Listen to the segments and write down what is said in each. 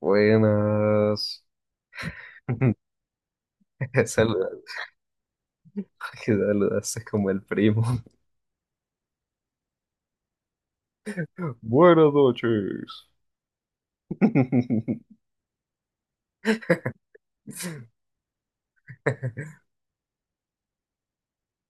Buenas. Saluda, que saludaste como el primo. Buenas noches.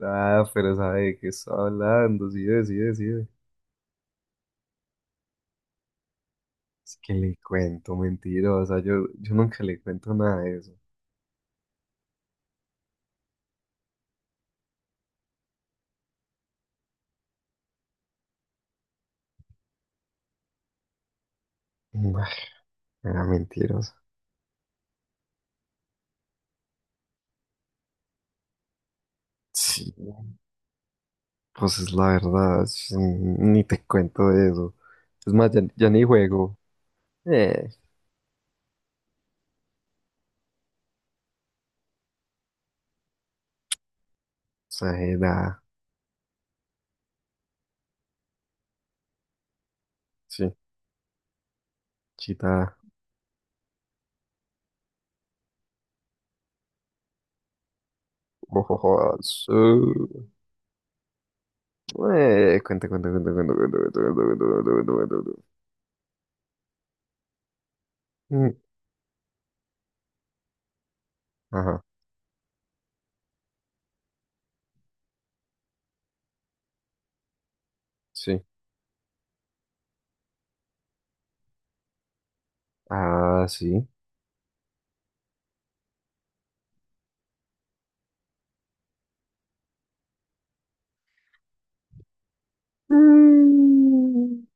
Ah, pero sabe de qué está hablando, sí, sí, sí. Es que le cuento, mentirosa. Yo nunca le cuento nada de eso. Ay, era mentirosa. Sí, pues es la verdad. Sí, ni te cuento de eso. Es más, ya ni juego. Eh, exagerada. Sí, chita. Ojo, jodas. Cuenta, cuenta, cuenta, cuenta, cuenta, cuenta, cuenta, cuenta, cuenta, cuenta, cuenta. Mm. Ajá, sí. Ah, sí. Mm,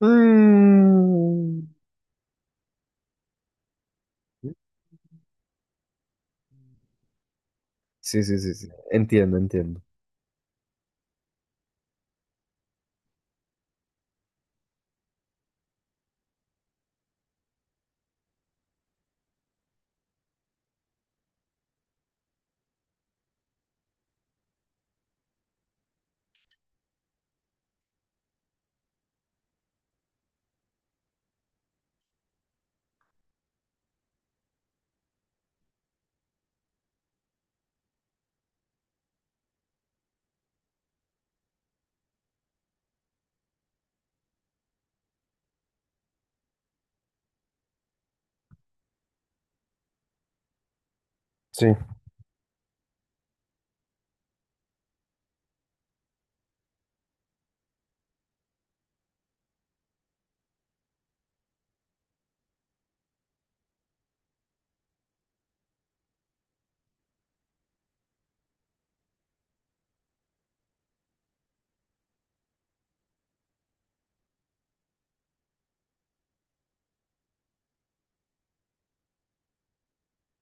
mm. Sí, sí, sí, sí. Entiendo, entiendo. Sí.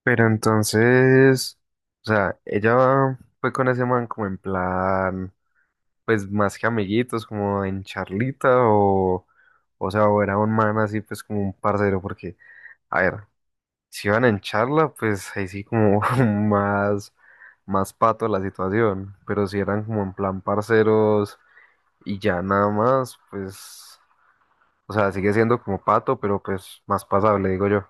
Pero entonces, o sea, ella fue con ese man como en plan, pues más que amiguitos, como en charlita o sea, o era un man así, pues como un parcero, porque, a ver. Si van en charla, pues ahí sí como más, más pato la situación, pero si eran como en plan parceros y ya nada más, pues, o sea, sigue siendo como pato, pero pues más pasable, digo yo.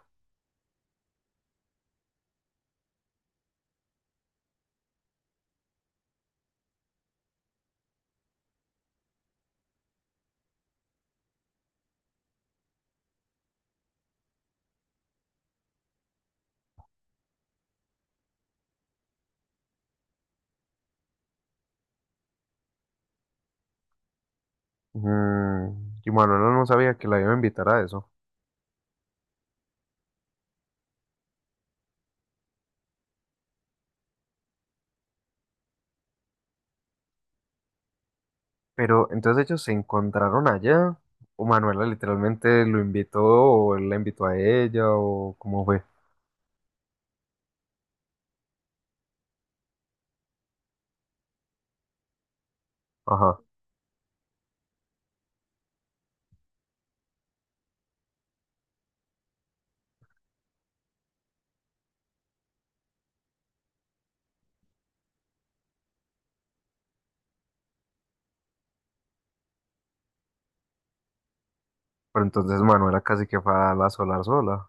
Mm, ¿y Manuela no sabía que la iba a invitar a eso, pero entonces ellos se encontraron allá, o Manuela literalmente lo invitó, o él la invitó a ella, o cómo fue? Ajá, ¿pero entonces Manuela casi que fue a la solar sola?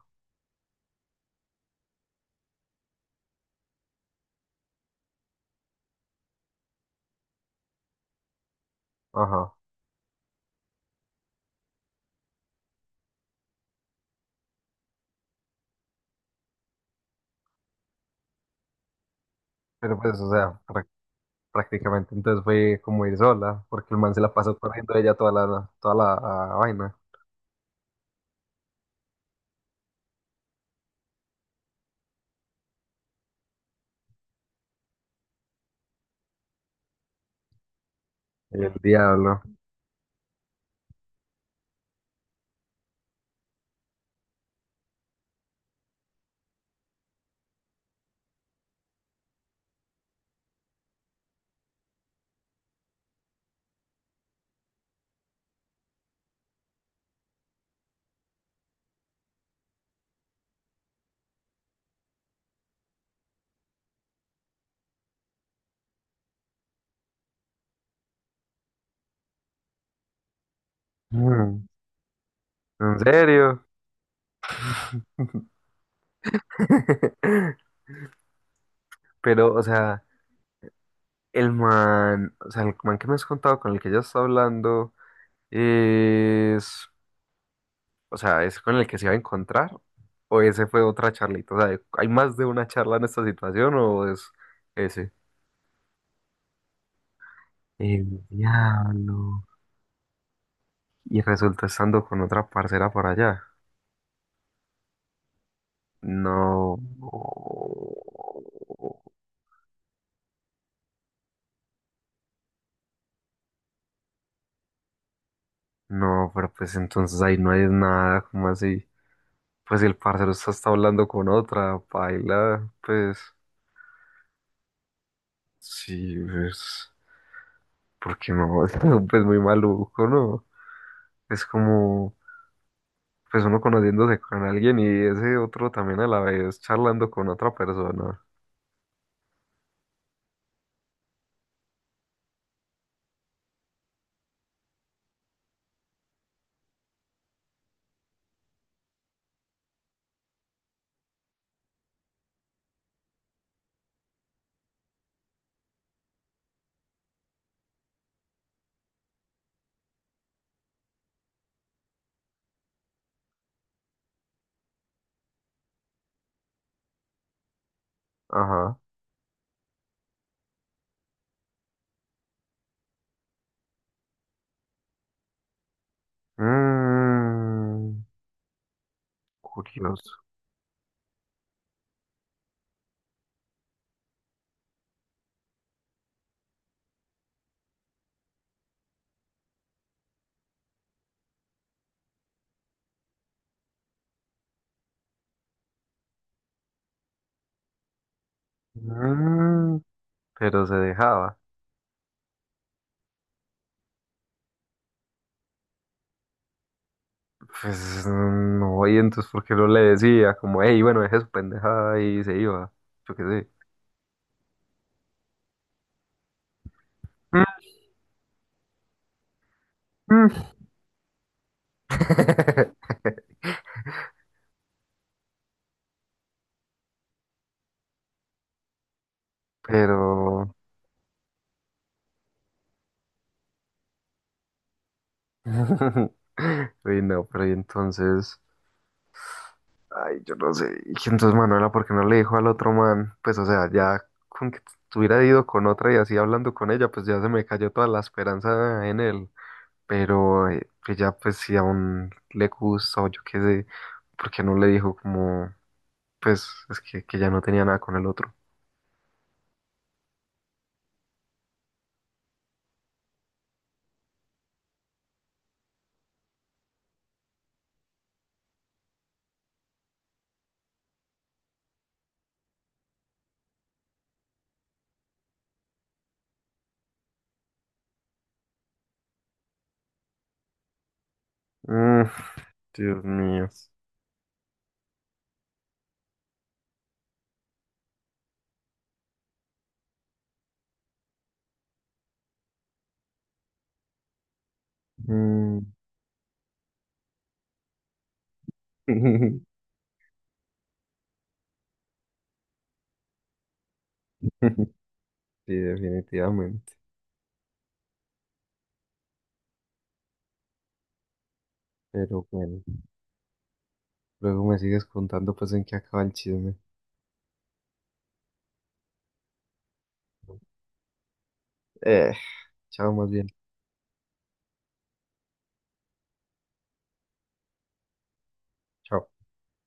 Ajá. Pero pues, o sea, prácticamente. Entonces fue como ir sola, porque el man se la pasó corriendo de ella toda la ah, vaina. El diablo. Mm. ¿En serio? Pero, o sea, el man, o sea, el man que me has contado con el que ella está hablando es, o sea, es con el que se iba a encontrar o ese fue otra charlita. O sea, ¿hay más de una charla en esta situación o es ese? El diablo. Y resultó estando con otra parcera por allá. No, no, no, pero pues entonces ahí no hay nada, como así? Pues si el parcero está hablando con otra, paila, pues sí, pues, porque no, es pues muy maluco, ¿no? Es como, pues uno conociéndose con alguien y ese otro también a la vez charlando con otra persona. Ajá. Mm, curioso. Mm, pero se dejaba. Pues no, y entonces, ¿por qué no le decía? Como, hey, bueno, deje su pendejada y se iba. Yo qué sé. Mm. Pero. Uy, no, pero y entonces. Ay, yo no sé. Y entonces Manuela, ¿por qué no le dijo al otro man? Pues, o sea, ya con que hubiera ido con otra y así hablando con ella, pues ya se me cayó toda la esperanza en él. Pero que ya, pues, si aún le gusta o yo qué sé, ¿por qué no le dijo como? Pues es que ya no tenía nada con el otro. Mm, Dios mío. Mm. Sí, definitivamente. Pero bueno, luego me sigues contando pues en qué acaba el chisme. Eh, chao más bien. Chao.